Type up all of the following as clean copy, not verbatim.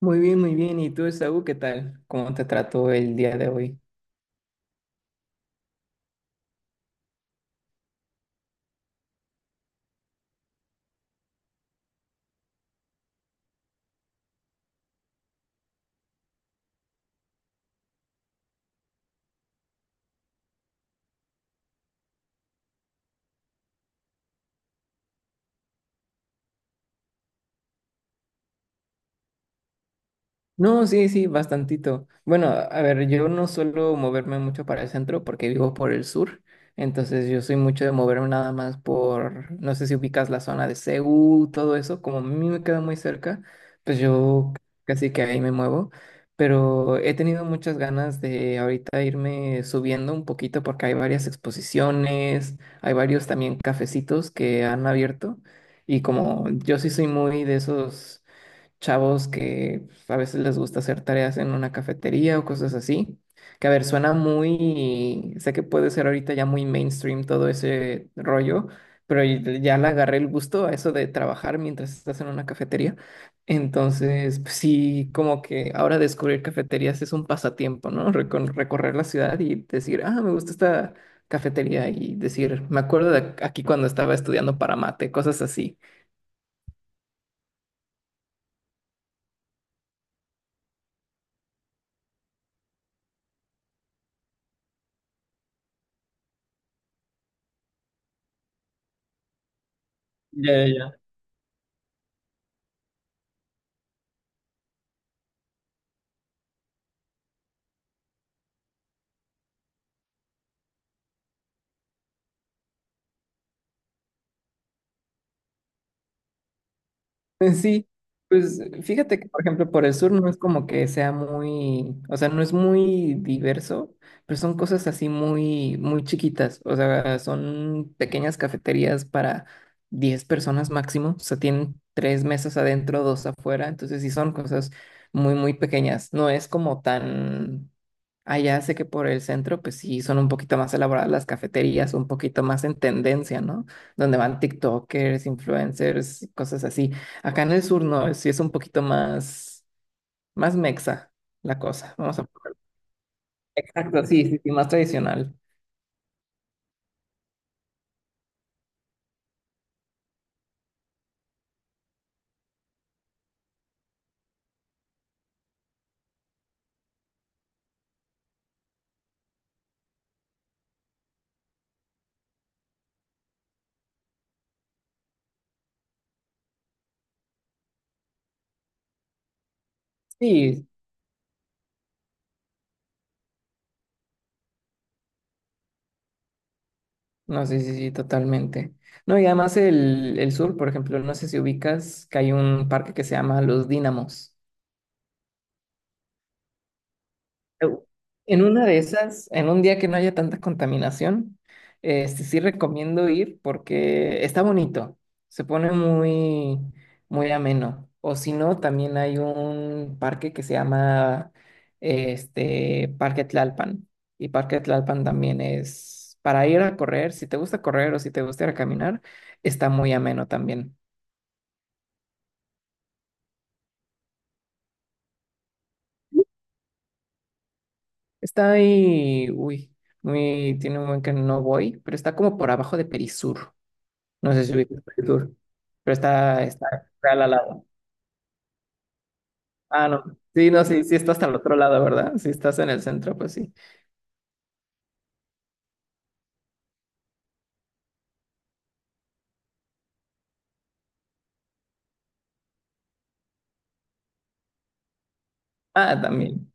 Muy bien, muy bien. ¿Y tú, Esaú, qué tal? ¿Cómo te trató el día de hoy? No, sí, sí, bastantito. Bueno, a ver, yo no suelo moverme mucho para el centro porque vivo por el sur, entonces yo soy mucho de moverme nada más por, no sé si ubicas la zona de Ceú, todo eso, como a mí me queda muy cerca, pues yo casi que ahí me muevo, pero he tenido muchas ganas de ahorita irme subiendo un poquito porque hay varias exposiciones, hay varios también cafecitos que han abierto y como yo sí soy muy de esos chavos que a veces les gusta hacer tareas en una cafetería o cosas así. Que a ver, suena muy, sé que puede ser ahorita ya muy mainstream todo ese rollo, pero ya le agarré el gusto a eso de trabajar mientras estás en una cafetería. Entonces, pues sí, como que ahora descubrir cafeterías es un pasatiempo, ¿no? Recorrer la ciudad y decir, ah, me gusta esta cafetería y decir, me acuerdo de aquí cuando estaba estudiando para mate, cosas así. Sí, pues fíjate que, por ejemplo, por el sur no es como que sea muy, o sea, no es muy diverso, pero son cosas así muy, muy chiquitas, o sea, son pequeñas cafeterías para 10 personas máximo, o sea, tienen tres mesas adentro, dos afuera, entonces sí son cosas muy, muy pequeñas, no es como tan, allá sé que por el centro, pues sí, son un poquito más elaboradas las cafeterías, un poquito más en tendencia, ¿no? Donde van TikTokers, influencers, cosas así. Acá en el sur no, sí es un poquito más, más mexa la cosa. Vamos a poner. Exacto, sí, sí, sí, más tradicional. Sí, no, sí, sí, sí, totalmente. No, y además el sur, por ejemplo, no sé si ubicas que hay un parque que se llama Los Dínamos. En una de esas, en un día que no haya tanta contaminación, sí recomiendo ir porque está bonito, se pone muy, muy ameno. O si no, también hay un parque que se llama Parque Tlalpan. Y Parque Tlalpan también es para ir a correr, si te gusta correr o si te gusta ir a caminar, está muy ameno también. Está ahí, uy, muy, tiene un buen que no voy, pero está como por abajo de Perisur. No sé si ubicas el tour, pero está al lado. Ah, no. Sí, no, sí, sí, está hasta el otro lado, ¿verdad? Si estás en el centro, pues sí. Ah, también.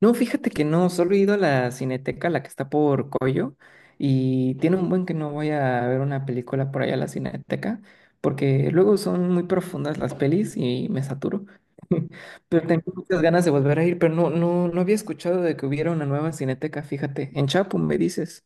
No, fíjate que no, solo he ido a la Cineteca, la que está por Coyo, y tiene un buen que no voy a ver una película por allá a la Cineteca, porque luego son muy profundas las pelis y me saturo. Pero tengo muchas ganas de volver a ir, pero no, no, no había escuchado de que hubiera una nueva Cineteca, fíjate. En Chapo, me dices.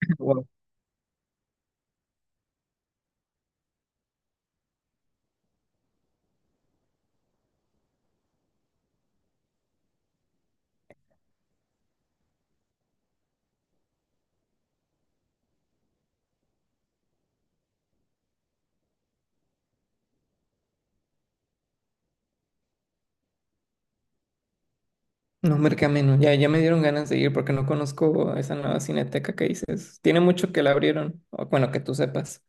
No, Mercameno, ya, ya me dieron ganas de ir porque no conozco esa nueva cineteca que dices. Tiene mucho que la abrieron, o bueno, que tú sepas.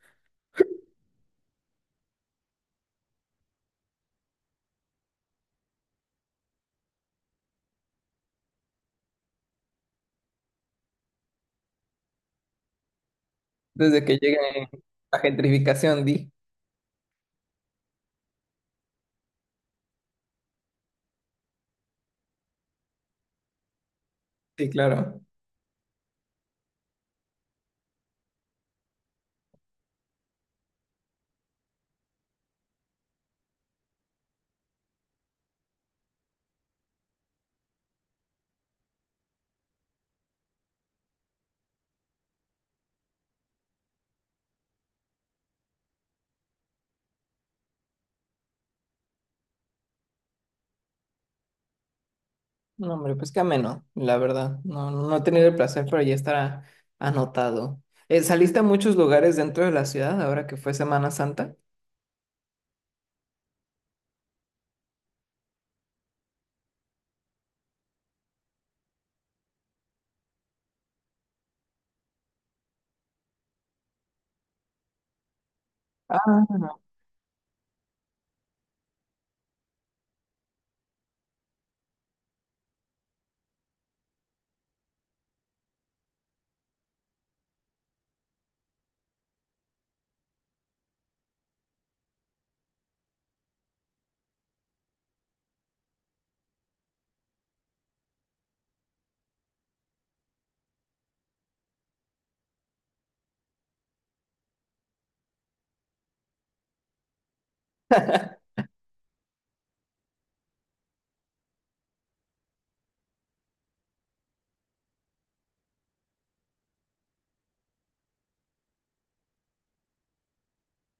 Desde que llegue la gentrificación, di. Sí, claro. No, hombre, pues qué ameno, la verdad. No, no he tenido el placer, pero ya estará anotado. ¿Saliste a muchos lugares dentro de la ciudad ahora que fue Semana Santa? Ah,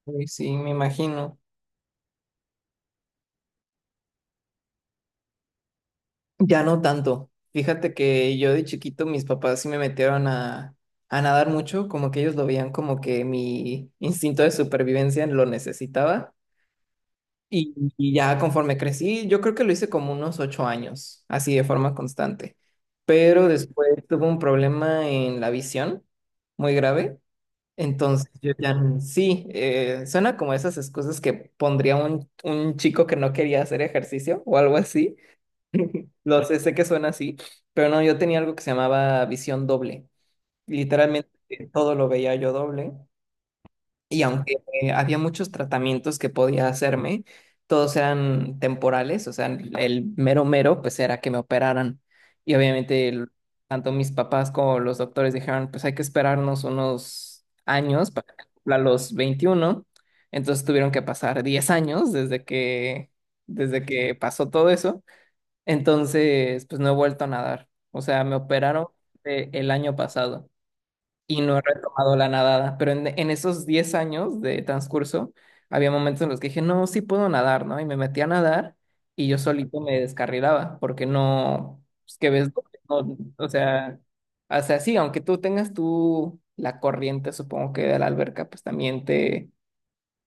uy, sí, me imagino. Ya no tanto. Fíjate que yo de chiquito mis papás sí me metieron a nadar mucho, como que ellos lo veían como que mi instinto de supervivencia lo necesitaba. Y ya conforme crecí, yo creo que lo hice como unos 8 años, así de forma constante. Pero después tuve un problema en la visión muy grave. Entonces yo ya sí, suena como esas excusas que pondría un chico que no quería hacer ejercicio o algo así. Lo sé, sé que suena así, pero no, yo tenía algo que se llamaba visión doble. Literalmente todo lo veía yo doble. Y aunque había muchos tratamientos que podía hacerme, todos eran temporales, o sea, el mero mero, pues era que me operaran. Y obviamente tanto mis papás como los doctores dijeron, pues hay que esperarnos unos años para que cumpla los 21. Entonces tuvieron que pasar 10 años desde que pasó todo eso. Entonces, pues no he vuelto a nadar. O sea, me operaron el año pasado y no he retomado la nadada. Pero en esos 10 años de transcurso, había momentos en los que dije, no, sí puedo nadar, ¿no? Y me metí a nadar y yo solito me descarrilaba porque no, pues que ves, no, o sea, sí, aunque tú tengas tú la corriente, supongo que de la alberca, pues también te,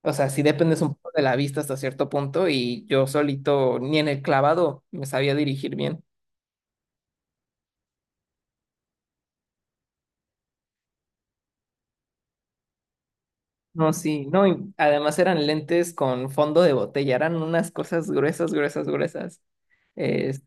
o sea, sí dependes un poco de la vista hasta cierto punto y yo solito ni en el clavado me sabía dirigir bien. No, sí, no, y además eran lentes con fondo de botella, eran unas cosas gruesas, gruesas, gruesas. Este,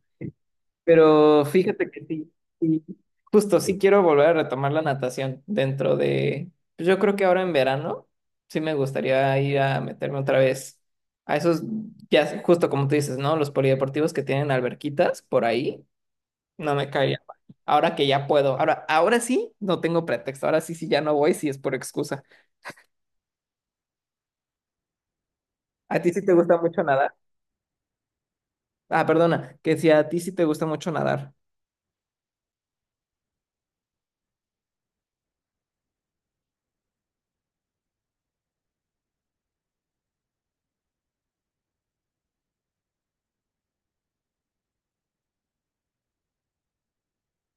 pero fíjate que sí, sí, justo sí quiero volver a retomar la natación dentro de, pues yo creo que ahora en verano, sí me gustaría ir a meterme otra vez a esos, justo como tú dices, ¿no? Los polideportivos que tienen alberquitas por ahí, no me caería mal. Ahora que ya puedo, ahora, ahora sí, no tengo pretexto, ahora sí, sí, ya no voy, si es por excusa. ¿A ti sí te gusta mucho nadar? Ah, perdona, que si a ti sí te gusta mucho nadar.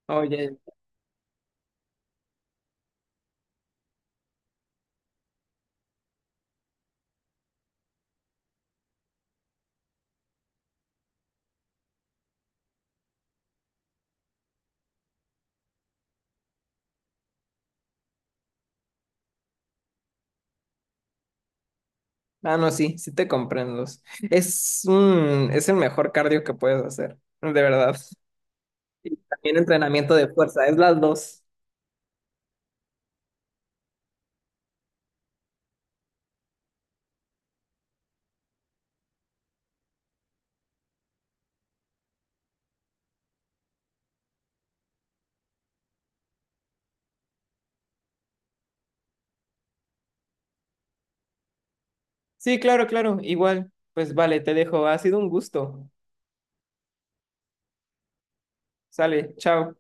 Oye, ah, no, sí, sí te comprendo. Es es el mejor cardio que puedes hacer, de verdad. Y también entrenamiento de fuerza, es las dos. Sí, claro, claro, igual. Pues vale, te dejo. Ha sido un gusto. Sale, chao.